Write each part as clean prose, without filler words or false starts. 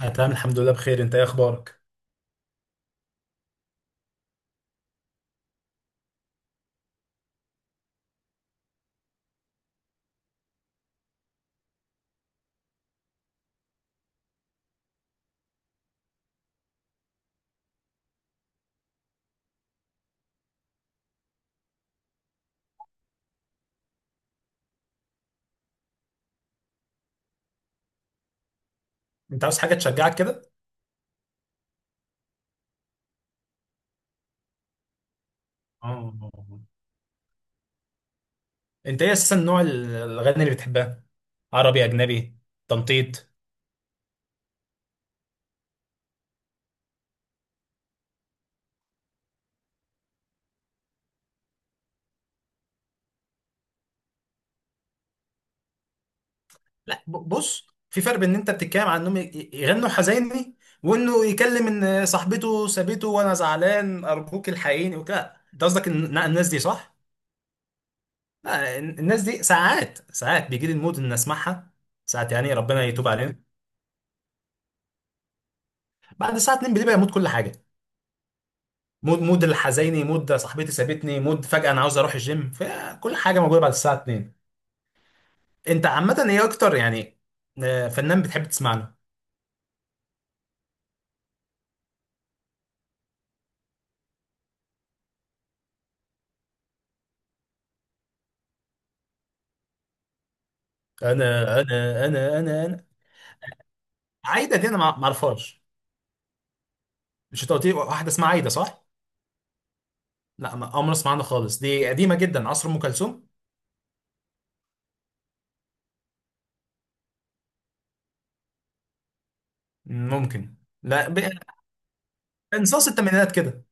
انا تمام، الحمد لله بخير. انت ايه اخبارك؟ انت عاوز حاجه تشجعك كده؟ اه. انت ايه اساسا نوع الاغاني اللي بتحبها؟ عربي؟ اجنبي؟ تنطيط؟ لا، بص، في فرق بين ان انت بتتكلم عن انهم يغنوا حزيني، وانه يكلم ان صاحبته سابته وانا زعلان ارجوك الحقيني وكده. انت قصدك ان إن الناس دي، صح؟ لا، الناس دي ساعات ساعات بيجي لي المود ان اسمعها. ساعات يعني ربنا يتوب علينا. بعد الساعه 2 بالليل بيبقى يموت كل حاجه. مود الحزيني، مود صاحبتي سابتني، مود فجأة انا عاوز اروح الجيم، فكل حاجة موجودة بعد الساعة 2. انت عامة ايه اكتر يعني؟ فنان بتحب تسمع له؟ انا. عايدة دي انا ما اعرفهاش. مش انت قلت لي واحدة اسمها عايدة، صح؟ لا، ما عمري اسمع عنها خالص. دي قديمة جدا، عصر ام كلثوم. ممكن. لا. انصاص الثمانينات كده.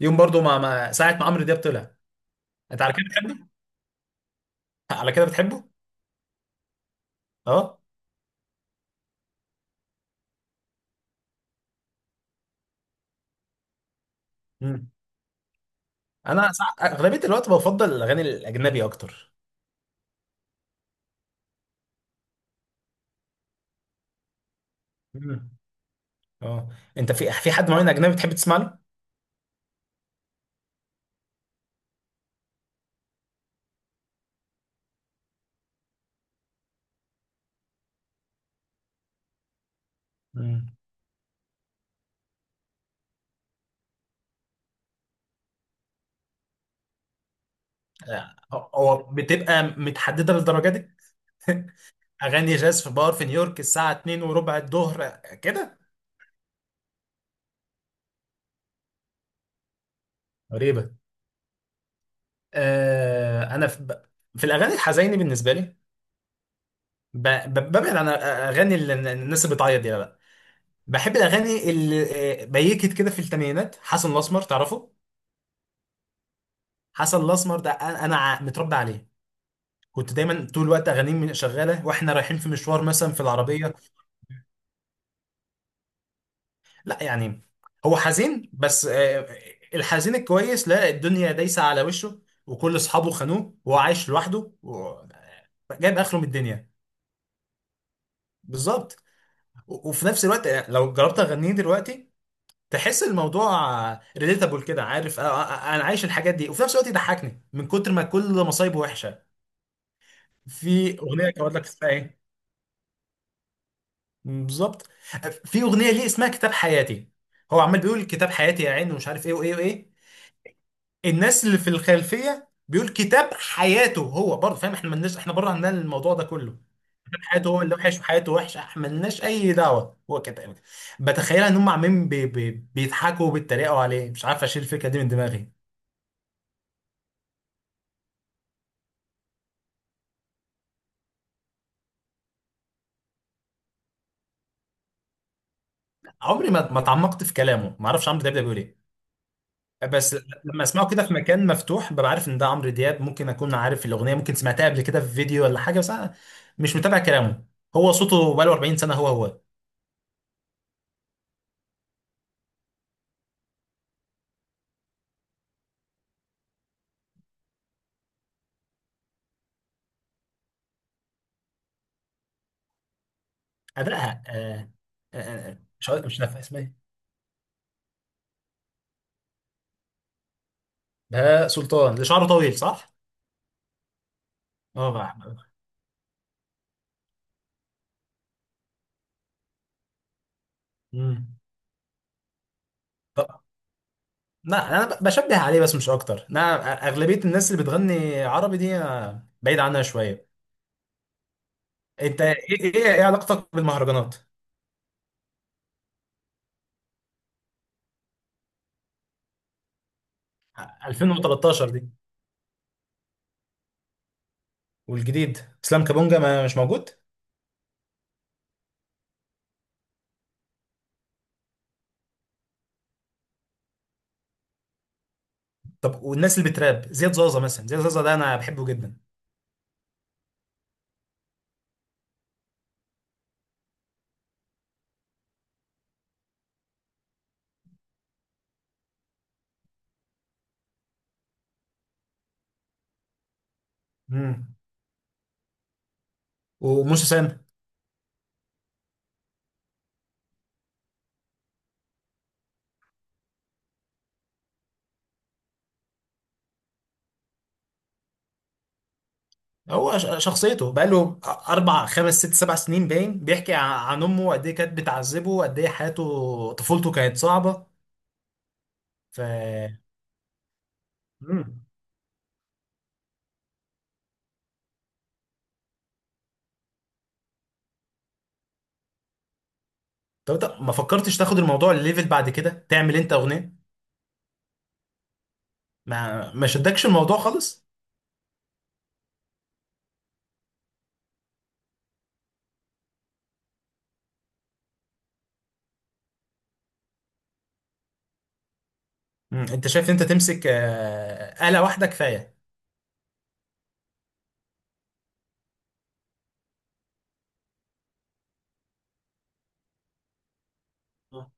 يوم برضو ما ساعة ما عمرو دياب طلع. انت على كده بتحبه؟ على كده بتحبه؟ اه. مم. انا اغلبية الوقت بفضل الاغاني الاجنبي اكتر. مم. اه. انت في حد معين اجنبي بتحب تسمع له؟ مم. آه، هو بتبقى متحدده للدرجه دي؟ اغاني جاز في بار في نيويورك الساعه 2 وربع الظهر كده؟ غريبة. آه انا في, ب... في الاغاني الحزينه بالنسبه لي. ببعد عن اغاني الناس اللي بتعيط دي، لا، لا. بحب الاغاني اللي بيكت كده في الثمانينات. حسن الاسمر تعرفه؟ حسن الاسمر ده انا متربى عليه. كنت دايما طول الوقت اغانيه شغاله واحنا رايحين في مشوار مثلا في العربيه. لا، يعني. هو حزين بس، الحزين الكويس، لا الدنيا دايسة على وشه، وكل اصحابه خانوه وهو عايش لوحده جايب اخره من الدنيا. بالظبط. و- وفي نفس الوقت، لو جربت اغنيه دلوقتي تحس الموضوع ريليتابل كده، عارف؟ انا عايش الحاجات دي، وفي نفس الوقت يضحكني من كتر ما كل مصايبه وحشه. في اغنيه كان لك اسمها ايه؟ بالظبط. في اغنيه ليه اسمها كتاب حياتي. هو عمال بيقول كتاب حياتي يا عين ومش عارف ايه وايه وايه. الناس اللي في الخلفيه بيقول كتاب حياته هو برضه فاهم، احنا مالناش، احنا بره عندنا الموضوع ده كله. كتاب حياته هو اللي وحش وحياته وحشه، احنا مالناش اي دعوه هو كتاب. بتخيلها ان هم عمالين بي بي بيضحكوا وبيتريقوا عليه. مش عارف اشيل الفكره دي من دماغي. عمري ما اتعمقت في كلامه، ما اعرفش عمرو دياب ده بيقول ايه. بس لما اسمعه كده في مكان مفتوح ببقى عارف ان ده عمرو دياب، ممكن اكون عارف الاغنيه، ممكن سمعتها قبل كده في فيديو ولا حاجه، بس انا مش متابع كلامه. هو صوته بقاله 40 سنه هو. أداءها. آه آه آه، مش نافع اسمها ايه. بهاء سلطان اللي شعره طويل، صح؟ اه بقى. امم ط- لا، انا بشبه عليه بس مش اكتر. انا اغلبيه الناس اللي بتغني عربي دي أنا بعيد عنها شويه. انت ايه؟ ايه علاقتك بالمهرجانات؟ 2013 دي؟ والجديد؟ اسلام كابونجا، ما مش موجود؟ طب والناس اللي بتراب، زياد زازا مثلا. زياد زازا ده انا بحبه جدا. امم وموسى سام؟ هو شخصيته بقاله اربع خمس ست سبع سنين، باين بيحكي عن امه قد ايه كانت بتعذبه، قد ايه حياته، طفولته كانت صعبه. ف. مم. طب انت ما فكرتش تاخد الموضوع الليفل بعد كده، تعمل انت اغنيه؟ ما شدكش الموضوع خالص؟ مم. انت شايف انت تمسك آلة واحده كفايه؟ آه.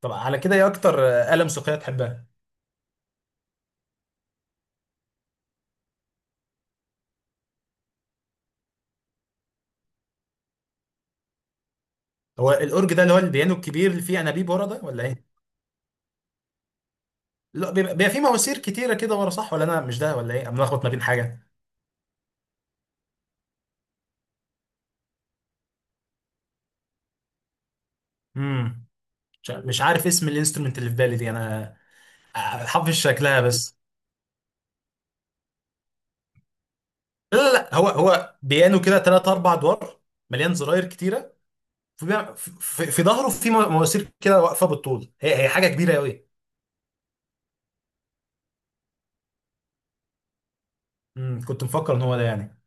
طب على كده ايه اكتر آلة موسيقيه تحبها؟ هو الاورج ده اللي هو البيانو الكبير اللي فيه انابيب ورا، ده ولا ايه؟ لا، بيبقى فيه مواسير كتيره كده ورا، صح ولا انا مش ده ولا ايه؟ انا ملخبط ما بين حاجه. امم مش عارف اسم الانسترومنت اللي في بالي دي انا، حافظ شكلها بس. لا، لا، لا، هو بيانو كده ثلاث اربع ادوار، مليان زراير كتيره. في في ظهره، في مواسير كده واقفه بالطول، هي حاجه كبيره قوي. كنت مفكر ان هو ده يعني.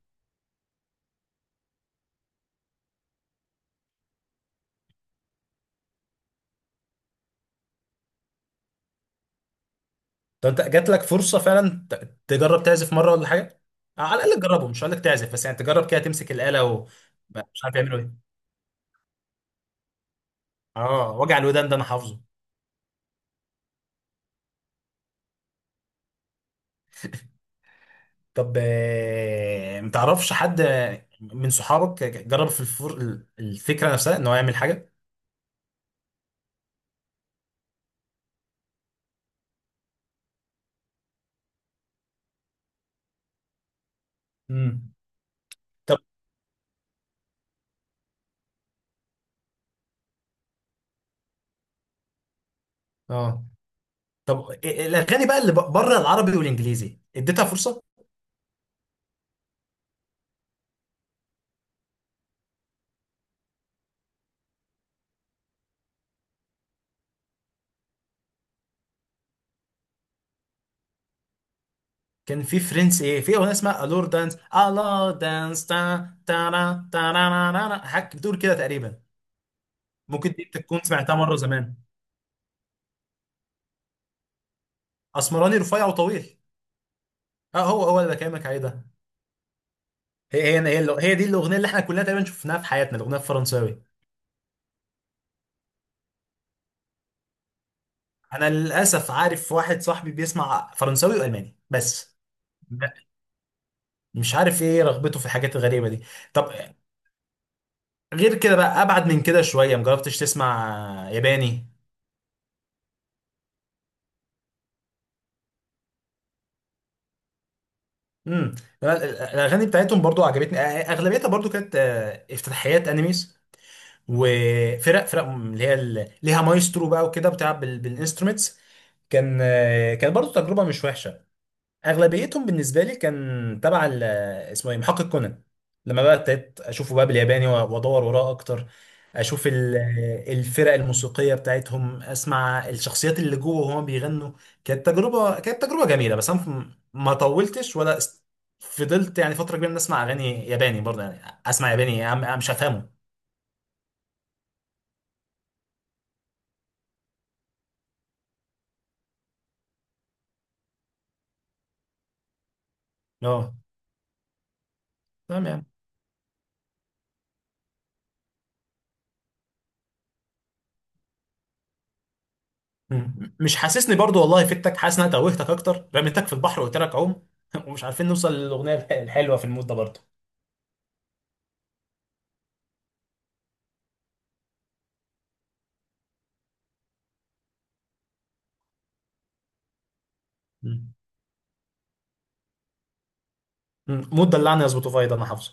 طب انت جات لك فرصه فعلا تجرب تعزف مره ولا حاجه؟ على الاقل تجربه، مش هقول لك تعزف، بس يعني تجرب كده تمسك الاله ومش عارف يعملوا ايه. اه، وجع الودان ده انا حافظه. طب، متعرفش حد من صحابك جرب في الفكرة نفسها ان هو يعمل حاجة؟ امم طب. اه. طب، الاغاني بقى اللي بره العربي والانجليزي اديتها فرصة؟ كان في ايه، في اغنية اسمها الور دانس، الور دانس تا تارا تارا، حاجة بتقول كده تقريبا. ممكن دي تكون سمعتها مرة زمان. اسمراني رفيع وطويل. اه، هو اللي بكلمك عليه ده. هي دي الاغنية اللي احنا كلنا تقريبا شفناها في حياتنا، الاغنية الفرنساوي. انا للاسف عارف واحد صاحبي بيسمع فرنساوي والماني، بس ب- مش عارف ايه رغبته في الحاجات الغريبه دي. طب غير كده بقى، ابعد من كده شويه، مجربتش تسمع ياباني؟ امم الاغاني بتاعتهم برضو عجبتني، اغلبيتها برضو كانت افتتاحيات انيميز، وفرق اللي هي ليها مايسترو بقى وكده بتلعب بالانسترومنتس. كان برضو تجربه مش وحشه. اغلبيتهم بالنسبه لي كان تبع اسمه ايه، محقق كونان. لما بقى ابتديت اشوفه بقى بالياباني و- وادور وراه اكتر، اشوف الفرق الموسيقيه بتاعتهم، اسمع الشخصيات اللي جوه وهما بيغنوا. كانت تجربه، جميله بس انا ما طولتش ولا فضلت يعني فتره كبيره إن اسمع اغاني ياباني. برضه يعني اسمع ياباني يا عم، أنا مش هفهمه. اه، تمام يعني. مم. مش حاسسني برضه والله فدتك، حاسس ان انا توهتك اكتر، رميتك في البحر وقلت لك عوم. ومش عارفين نوصل للاغنيه الحلوه في المود ده برضه. مم. مم. مود دلعني يظبط، فايض انا حافظه.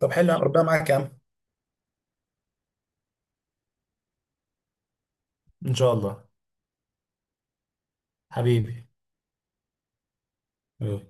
طب حلو، ربنا معاك يا عم. ان شاء الله. حبيبي. يلا.